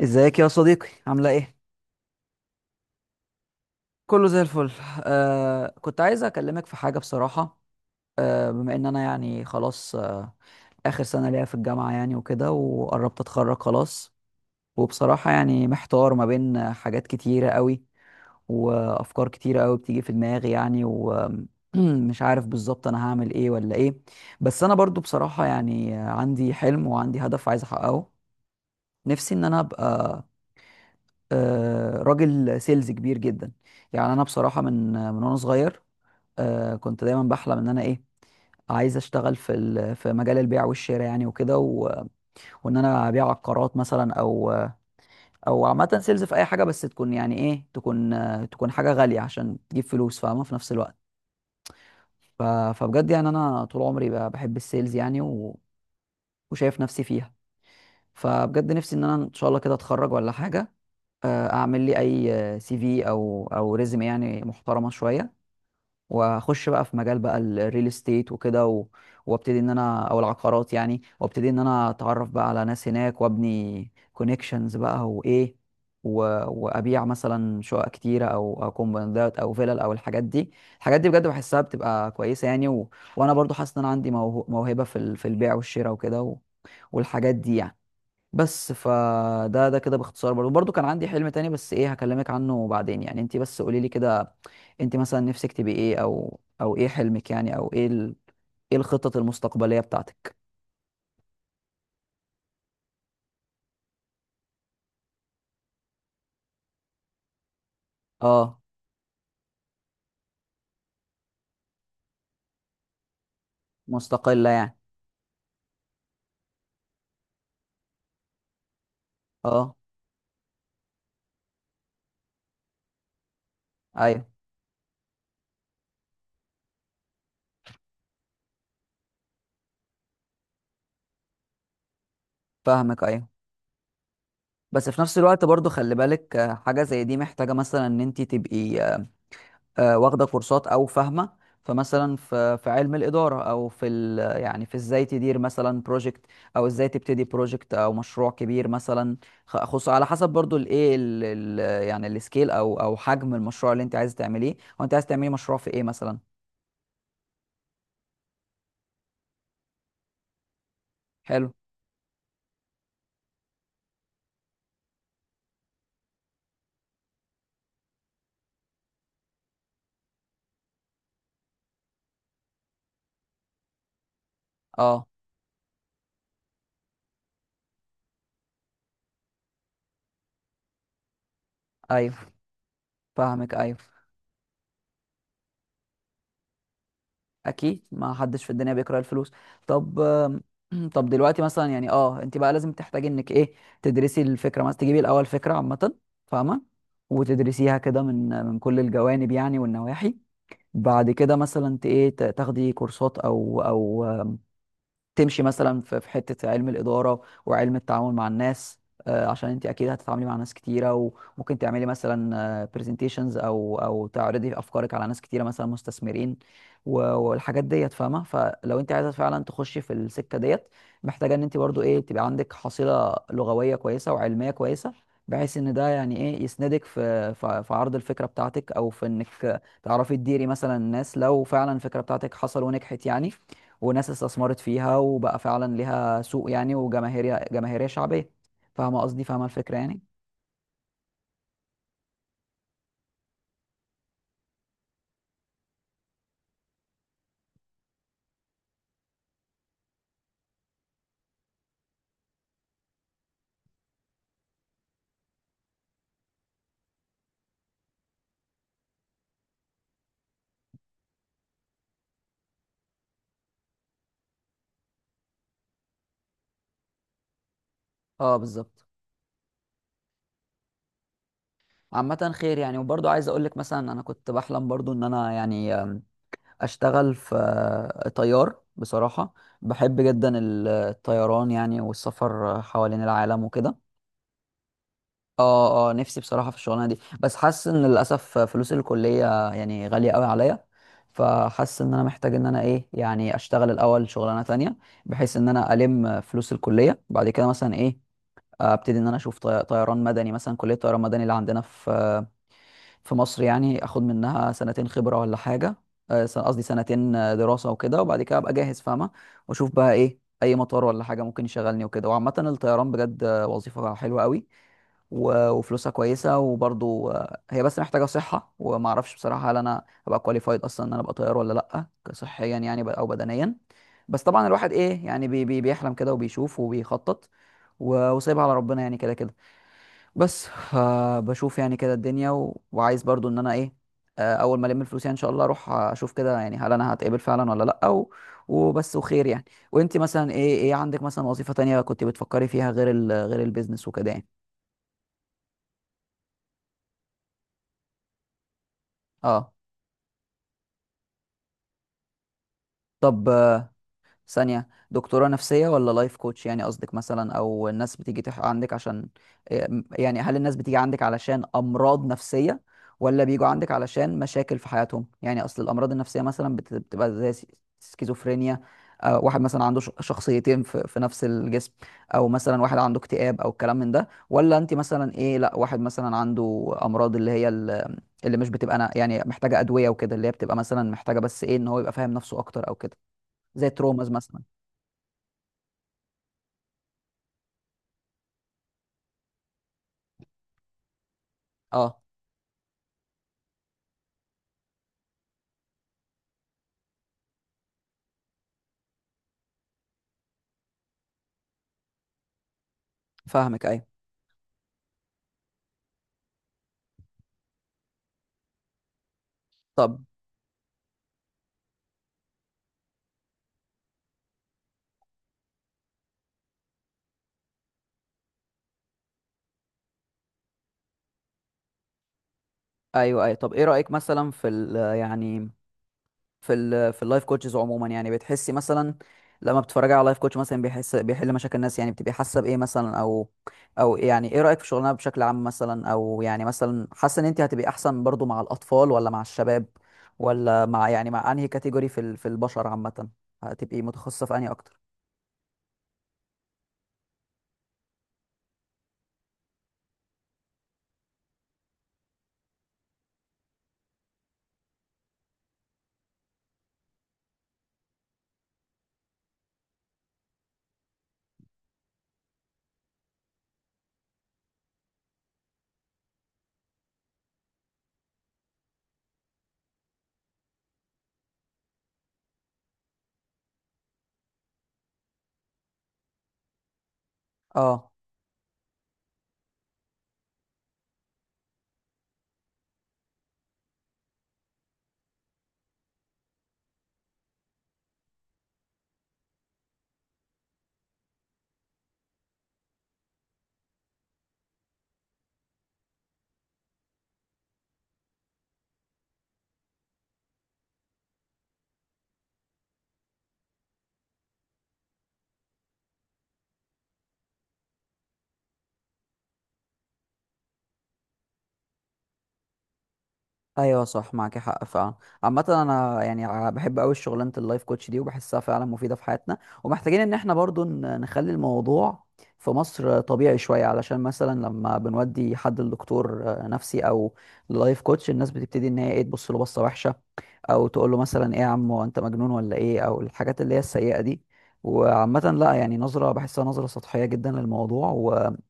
ازيك يا صديقي، عامله ايه؟ كله زي الفل. كنت عايز اكلمك في حاجه بصراحه. بما ان انا يعني خلاص، اخر سنه ليا في الجامعه يعني وكده وقربت اتخرج خلاص. وبصراحه يعني محتار ما بين حاجات كتيره قوي وافكار كتيره قوي بتيجي في دماغي يعني ومش عارف بالظبط انا هعمل ايه ولا ايه. بس انا برضو بصراحه يعني عندي حلم وعندي هدف عايز احققه. نفسي ان انا ابقى راجل سيلز كبير جدا. يعني انا بصراحه من وانا صغير، كنت دايما بحلم ان انا ايه، عايز اشتغل في في مجال البيع والشراء يعني وكده وان انا ابيع عقارات مثلا، او او عامه سيلز في اي حاجه بس تكون يعني ايه تكون تكون حاجه غاليه عشان تجيب فلوس، فاهمه، في نفس الوقت. ف... فبجد يعني انا طول عمري بحب السيلز يعني وشايف نفسي فيها. فبجد نفسي ان انا ان شاء الله كده اتخرج ولا حاجه، اعمل لي اي سي في او او ريزمي يعني محترمه شويه، واخش بقى في مجال بقى الريل استيت وكده وابتدي ان انا او العقارات يعني، وابتدي ان انا اتعرف بقى على ناس هناك وابني كونكشنز بقى وايه و... وابيع مثلا شقق كتيره او او كومباوندات او فيلل او الحاجات دي. الحاجات دي بجد بحسها بتبقى كويسه يعني وانا برضو حاسس ان انا عندي موهبه في في البيع والشراء وكده والحاجات دي يعني. بس فده كده باختصار برضه كان عندي حلم تاني، بس ايه هكلمك عنه بعدين يعني، انت بس قولي لي كده. انت مثلا نفسك تبقي ايه، او او ايه حلمك يعني، او ايه ايه الخطط المستقبلية بتاعتك؟ اه. مستقلة يعني. اه، ايوه فاهمك، ايوه. بس في نفس الوقت برضو خلي بالك، حاجة زي دي محتاجة مثلا ان انت تبقي واخده كورسات او فاهمه. فمثلا في علم الاداره، او في ال يعني في ازاي تدير مثلا بروجكت، او ازاي تبتدي بروجكت او مشروع كبير مثلا. خصوصا على حسب برضو الايه يعني السكيل او او حجم المشروع اللي انت عايز تعمليه. وانت عايز تعملي مشروع في ايه مثلا؟ حلو. اه ايوه فاهمك ايوه. اكيد، ما حدش في الدنيا بيكره الفلوس. طب طب دلوقتي مثلا يعني اه انت بقى لازم تحتاجي انك ايه تدرسي الفكره، مثلا تجيبي الاول فكره عامه فاهمه، وتدرسيها كده من كل الجوانب يعني والنواحي. بعد كده مثلا، تاخدي كورسات او او تمشي مثلا في حته علم الاداره وعلم التعامل مع الناس. عشان انت اكيد هتتعاملي مع ناس كتيره، وممكن تعملي مثلا برزنتيشنز او او تعرضي افكارك على ناس كتيره مثلا مستثمرين والحاجات ديت فاهمه. فلو انت عايزه فعلا تخشي في السكه ديت، محتاجه ان انت برضو ايه تبقى عندك حصيله لغويه كويسه وعلميه كويسه، بحيث ان ده يعني ايه يسندك في في عرض الفكره بتاعتك، او في انك تعرفي تديري مثلا الناس لو فعلا الفكره بتاعتك حصل ونجحت يعني، وناس استثمرت فيها وبقى فعلا ليها سوق يعني وجماهيرية، جماهيرية شعبية. فاهمة قصدي، فاهمة الفكرة يعني. اه بالظبط. عامة خير يعني، وبرضو عايز اقول لك مثلا، انا كنت بحلم برضو ان انا يعني اشتغل في طيار بصراحة. بحب جدا الطيران يعني، والسفر حوالين العالم وكده. اه اه نفسي بصراحة في الشغلانة دي. بس حاسس ان للأسف فلوس الكلية يعني غالية قوي عليا، فحاسس ان انا محتاج ان انا ايه يعني اشتغل الاول شغلانة تانية، بحيث ان انا الم فلوس الكلية بعد كده، مثلا ايه، ابتدي ان انا اشوف طيران مدني، مثلا كلية طيران مدني اللي عندنا في مصر يعني، اخد منها سنتين خبره ولا حاجه، قصدي سنتين دراسه وكده، وبعد كده ابقى جاهز فاهمه. واشوف بقى ايه اي مطار ولا حاجه ممكن يشغلني وكده. وعامه الطيران بجد وظيفه حلوه قوي وفلوسها كويسه، وبرضو هي بس محتاجه صحه. وما اعرفش بصراحه هل انا ابقى كواليفايد اصلا ان انا ابقى طيار ولا لا، صحيا يعني او بدنيا. بس طبعا الواحد ايه يعني بي بي بيحلم كده وبيشوف وبيخطط، وسايبها على ربنا يعني كده كده. بس فبشوف يعني كده الدنيا وعايز برضو ان انا ايه، اول ما الم الفلوس يعني ان شاء الله اروح اشوف كده يعني هل انا هتقبل فعلا ولا لا وبس وخير يعني. وانت مثلا ايه، ايه عندك مثلا وظيفة تانية كنت بتفكري فيها غير غير البيزنس وكده يعني؟ اه. طب ثانية، دكتورة نفسية ولا لايف كوتش يعني قصدك، مثلا، او الناس بتيجي عندك عشان إيه؟ يعني هل الناس بتيجي عندك علشان امراض نفسية، ولا بيجوا عندك علشان مشاكل في حياتهم؟ يعني اصل الامراض النفسية مثلا بتبقى زي سكيزوفرينيا، واحد مثلا عنده شخصيتين في نفس الجسم، او مثلا واحد عنده اكتئاب او الكلام من ده. ولا انت مثلا ايه، لا، واحد مثلا عنده امراض اللي هي اللي مش بتبقى انا يعني محتاجة ادوية وكده، اللي هي بتبقى مثلا محتاجة بس ايه ان هو يبقى فاهم نفسه اكتر او كده، زي التروماز مثلا. اه فاهمك ايوه. طب ايوه ايوه. طب ايه رأيك مثلا في ال يعني في ال في اللايف كوتشز عموما؟ يعني بتحسي مثلا لما بتتفرجي على لايف كوتش مثلا بيحس بيحل مشاكل الناس يعني بتبقي حاسه بايه مثلا، او او يعني ايه رأيك في شغلنا بشكل عام مثلا؟ او يعني مثلا حاسه ان انت هتبقي احسن برضو مع الاطفال ولا مع الشباب، ولا مع يعني مع انهي كاتيجوري في في البشر عامة؟ هتبقي متخصصه في انهي اكتر؟ اه ايوه، صح، معاك حق فعلا. عامه انا يعني بحب قوي شغلانه اللايف كوتش دي، وبحسها فعلا مفيده في حياتنا. ومحتاجين ان احنا برضو نخلي الموضوع في مصر طبيعي شويه، علشان مثلا لما بنودي حد لدكتور نفسي او لايف كوتش، الناس بتبتدي ان هي ايه تبص له بصه وحشه، او تقول له مثلا ايه يا عم، هو انت مجنون ولا ايه، او الحاجات اللي هي السيئه دي. وعامة لا يعني، نظرة بحسها نظرة سطحية جدا للموضوع،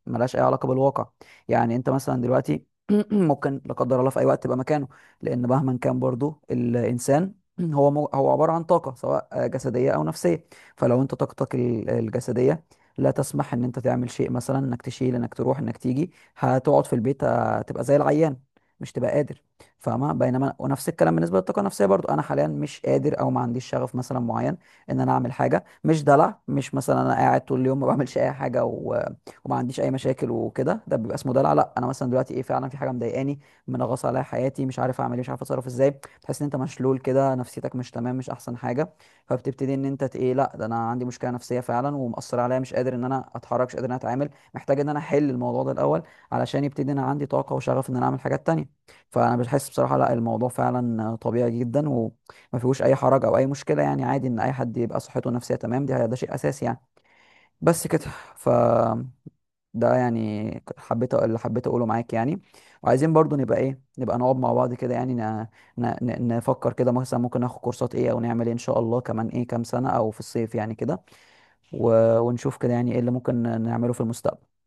وملهاش أي علاقة بالواقع. يعني أنت مثلا دلوقتي ممكن لا قدر الله في أي وقت تبقى مكانه. لأن مهما كان برضو الإنسان هو هو عبارة عن طاقة، سواء جسدية أو نفسية. فلو أنت طاقتك الجسدية لا تسمح إن أنت تعمل شيء، مثلا إنك تشيل إنك تروح إنك تيجي، هتقعد في البيت، هتبقى زي العيان، مش تبقى قادر، فاهمه. بينما ونفس الكلام بالنسبه للطاقه النفسيه، برضو انا حاليا مش قادر او ما عنديش شغف مثلا معين ان انا اعمل حاجه، مش دلع، مش مثلا انا قاعد طول اليوم ما بعملش اي حاجه وما عنديش اي مشاكل وكده، ده بيبقى اسمه دلع. لا، انا مثلا دلوقتي ايه فعلا في حاجه مضايقاني، منغص عليا حياتي، مش عارف اعمل ايه، مش عارف اتصرف ازاي، تحس ان انت مشلول كده، نفسيتك مش تمام، مش احسن حاجه. فبتبتدي ان انت ت- ايه لا، ده انا عندي مشكله نفسيه فعلا ومأثر عليا، مش قادر ان انا اتحرك، مش قادر ان انا اتعامل، محتاج ان انا احل الموضوع ده الاول علشان يبتدي ان انا عندي طاقه وشغف ان انا اعمل حاجات تانية. فانا بحس بصراحه لا الموضوع فعلا طبيعي جدا، وما فيهوش اي حرج او اي مشكله يعني. عادي ان اي حد يبقى صحته النفسيه تمام، دي ده شيء اساسي يعني. بس كده. ف ده يعني، اللي حبيت اقوله معاك يعني. وعايزين برضو نبقى ايه نبقى نقعد مع بعض كده يعني، نفكر كده مثلا ممكن ناخد كورسات ايه او نعمل ايه، ان شاء الله، كمان ايه كام سنه او في الصيف يعني كده ونشوف كده يعني ايه اللي ممكن نعمله في المستقبل.